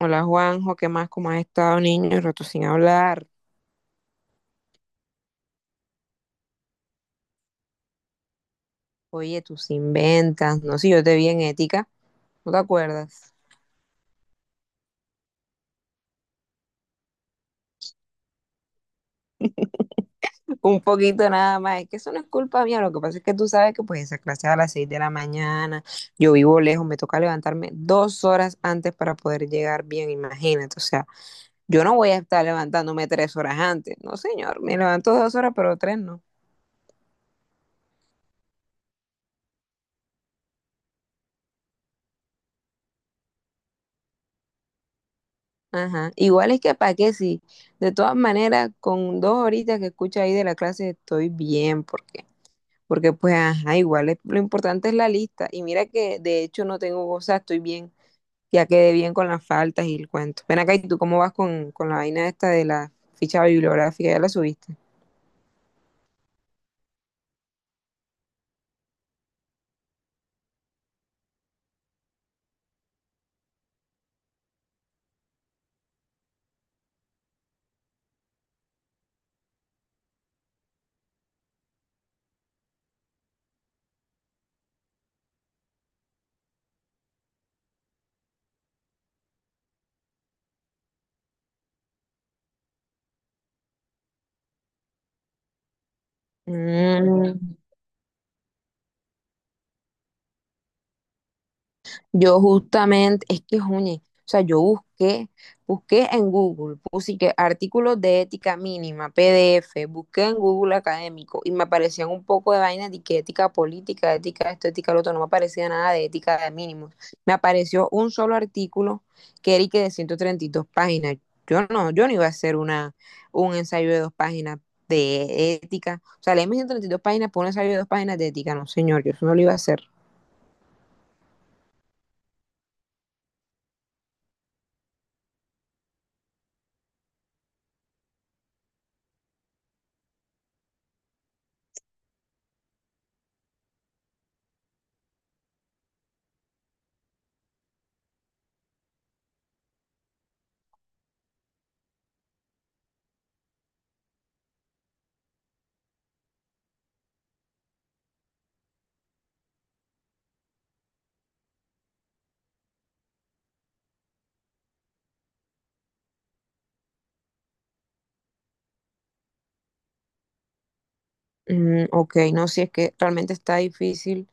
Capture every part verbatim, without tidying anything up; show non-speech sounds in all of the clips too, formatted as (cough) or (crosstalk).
Hola Juanjo, ¿qué más? ¿Cómo has estado, niño? Rato sin hablar. Oye, tus inventas. No sé, yo te vi en ética, ¿no te acuerdas? (laughs) Un poquito nada más. Es que eso no es culpa mía. Lo que pasa es que tú sabes que pues esa clase es a las seis de la mañana. Yo vivo lejos, me toca levantarme dos horas antes para poder llegar bien, imagínate. O sea, yo no voy a estar levantándome tres horas antes. No, señor, me levanto dos horas, pero tres no. Ajá. Igual es que para qué sí. De todas maneras, con dos horitas que escucho ahí de la clase estoy bien, porque Porque pues, ajá, igual es- lo importante es la lista. Y mira que de hecho no tengo cosas, estoy bien, ya quedé bien con las faltas y el cuento. Ven acá, ¿y tú cómo vas con, con la vaina esta de la ficha bibliográfica? ¿Ya la subiste? Mm. Yo justamente, es que, oye, o sea, yo busqué, busqué en Google, puse que artículos de ética mínima, PDF, busqué en Google académico y me aparecían un poco de vainas de que ética política, ética esto, ética lo otro, no me aparecía nada de ética de mínimos. Me apareció un solo artículo que era y que de ciento treinta y dos páginas. Yo no, yo no iba a hacer una, un ensayo de dos páginas de ética. O sea, leerme ciento treinta y dos páginas por un ensayo de dos páginas de ética, no, señor, yo eso no lo iba a hacer. Mm, ok, no, si es que realmente está difícil,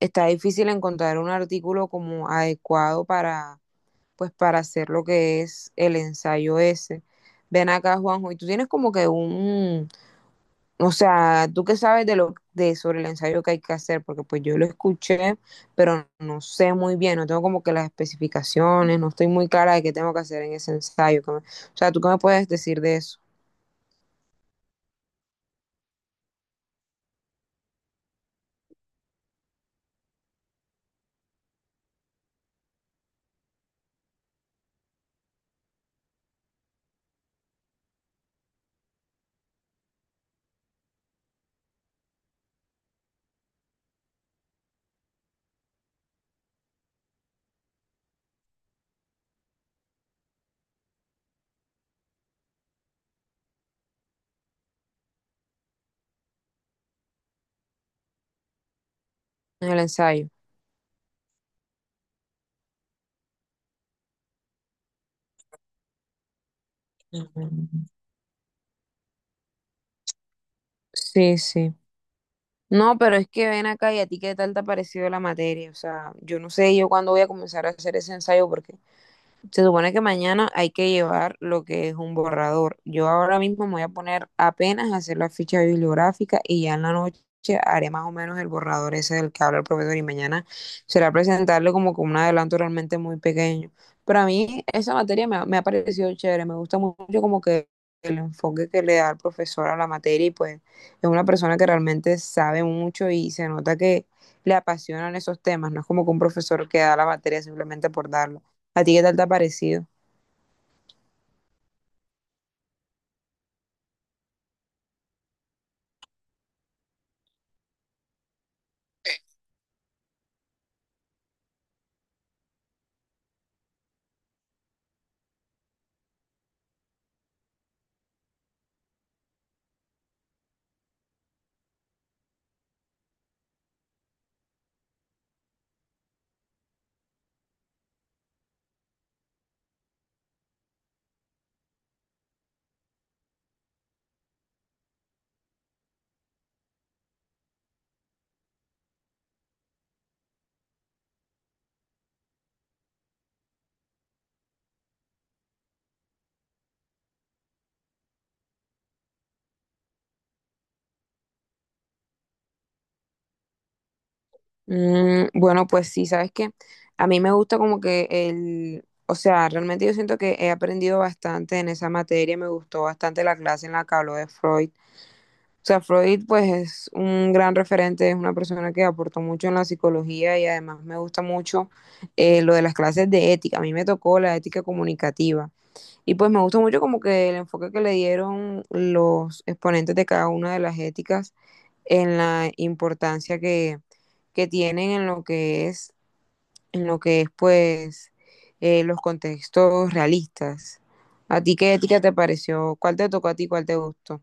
está difícil encontrar un artículo como adecuado para, pues, para hacer lo que es el ensayo ese. Ven acá, Juanjo, y tú tienes como que un, o sea, tú qué sabes de lo de sobre el ensayo que hay que hacer, porque pues yo lo escuché, pero no sé muy bien, no tengo como que las especificaciones, no estoy muy clara de qué tengo que hacer en ese ensayo. ¿Qué me- o sea, ¿tú qué me puedes decir de eso, en el ensayo? Mm. Sí, sí. No, pero es que ven acá y a ti qué tal te ha parecido la materia. O sea, yo no sé yo cuándo voy a comenzar a hacer ese ensayo porque se supone que mañana hay que llevar lo que es un borrador. Yo ahora mismo me voy a poner apenas a hacer la ficha bibliográfica y ya en la noche haré más o menos el borrador ese del que habla el profesor y mañana será presentarle como con un adelanto realmente muy pequeño. Pero a mí esa materia me, ha- me ha parecido chévere, me gusta mucho como que el enfoque que le da el profesor a la materia y pues es una persona que realmente sabe mucho y se nota que le apasionan esos temas, no es como que un profesor que da la materia simplemente por darla. ¿A ti qué tal te ha parecido? Mm, bueno, pues sí, sabes que a mí me gusta como que el, o sea, realmente yo siento que he aprendido bastante en esa materia, me gustó bastante la clase en la que habló de Freud. O sea, Freud pues es un gran referente, es una persona que aportó mucho en la psicología y además me gusta mucho eh, lo de las clases de ética. A mí me tocó la ética comunicativa. Y pues me gustó mucho como que el enfoque que le dieron los exponentes de cada una de las éticas en la importancia que, que tienen en lo que es, en lo que es pues eh, los contextos realistas. ¿A ti qué ética te pareció? ¿Cuál te tocó a ti? ¿Cuál te gustó?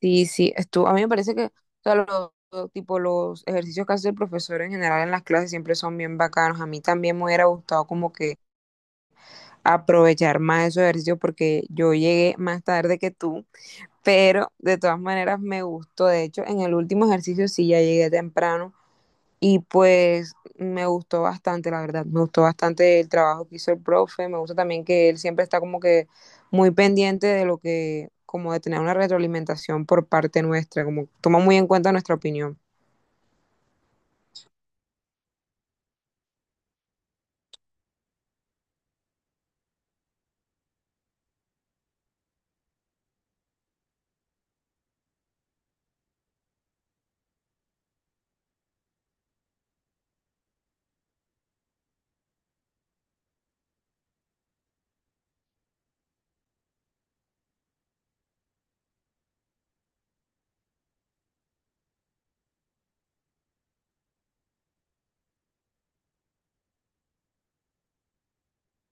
Sí, sí, estuvo, a mí me parece que o sea, los, los- tipo, los ejercicios que hace el profesor en general en las clases siempre son bien bacanos. A mí también me hubiera gustado como que aprovechar más esos ejercicios porque yo llegué más tarde que tú, pero de todas maneras me gustó. De hecho, en el último ejercicio sí ya llegué temprano y pues me gustó bastante, la verdad. Me gustó bastante el trabajo que hizo el profe. Me gusta también que él siempre está como que muy pendiente de lo que, como de tener una retroalimentación por parte nuestra, como toma muy en cuenta nuestra opinión.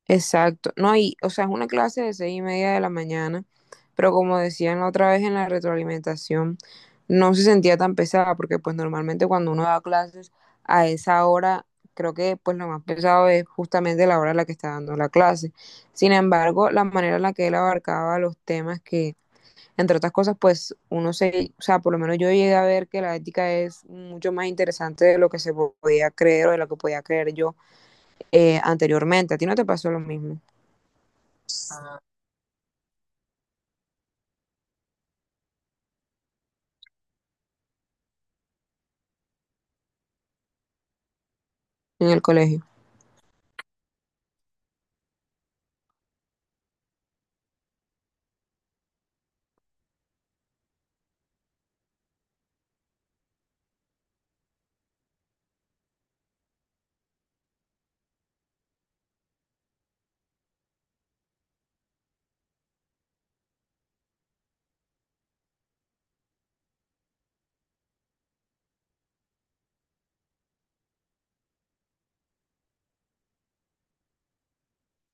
Exacto, no, y, o sea, es una clase de seis y media de la mañana, pero como decían la otra vez en la retroalimentación, no se sentía tan pesada, porque pues normalmente cuando uno da clases a esa hora, creo que pues lo más pesado es justamente la hora en la que está dando la clase. Sin embargo, la manera en la que él abarcaba los temas que, entre otras cosas, pues uno se, o sea, por lo menos yo llegué a ver que la ética es mucho más interesante de lo que se podía creer o de lo que podía creer yo eh, anteriormente. ¿A ti no te pasó lo mismo? En el colegio.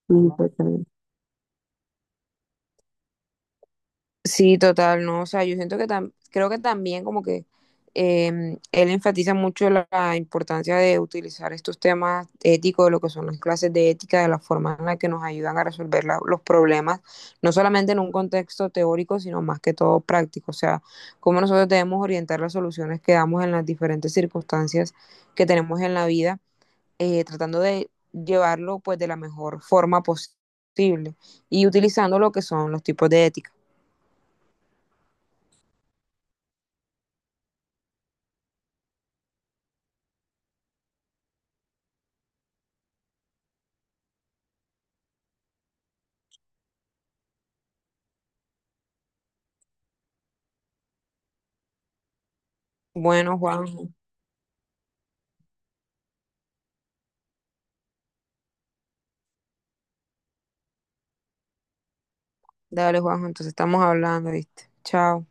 Sí, total. Sí, total, no, o sea, yo siento que tam- creo que también como que em, él enfatiza mucho la, la importancia de utilizar estos temas éticos, lo que son las clases de ética, de la forma en la que nos ayudan a resolver la- los problemas, no solamente en un contexto teórico, sino más que todo práctico, o sea, cómo nosotros debemos orientar las soluciones que damos en las diferentes circunstancias que tenemos en la vida eh, tratando de llevarlo pues de la mejor forma posible y utilizando lo que son los tipos de ética. Bueno, Juanjo, dale Juanjo, entonces estamos hablando, ¿viste? Chao.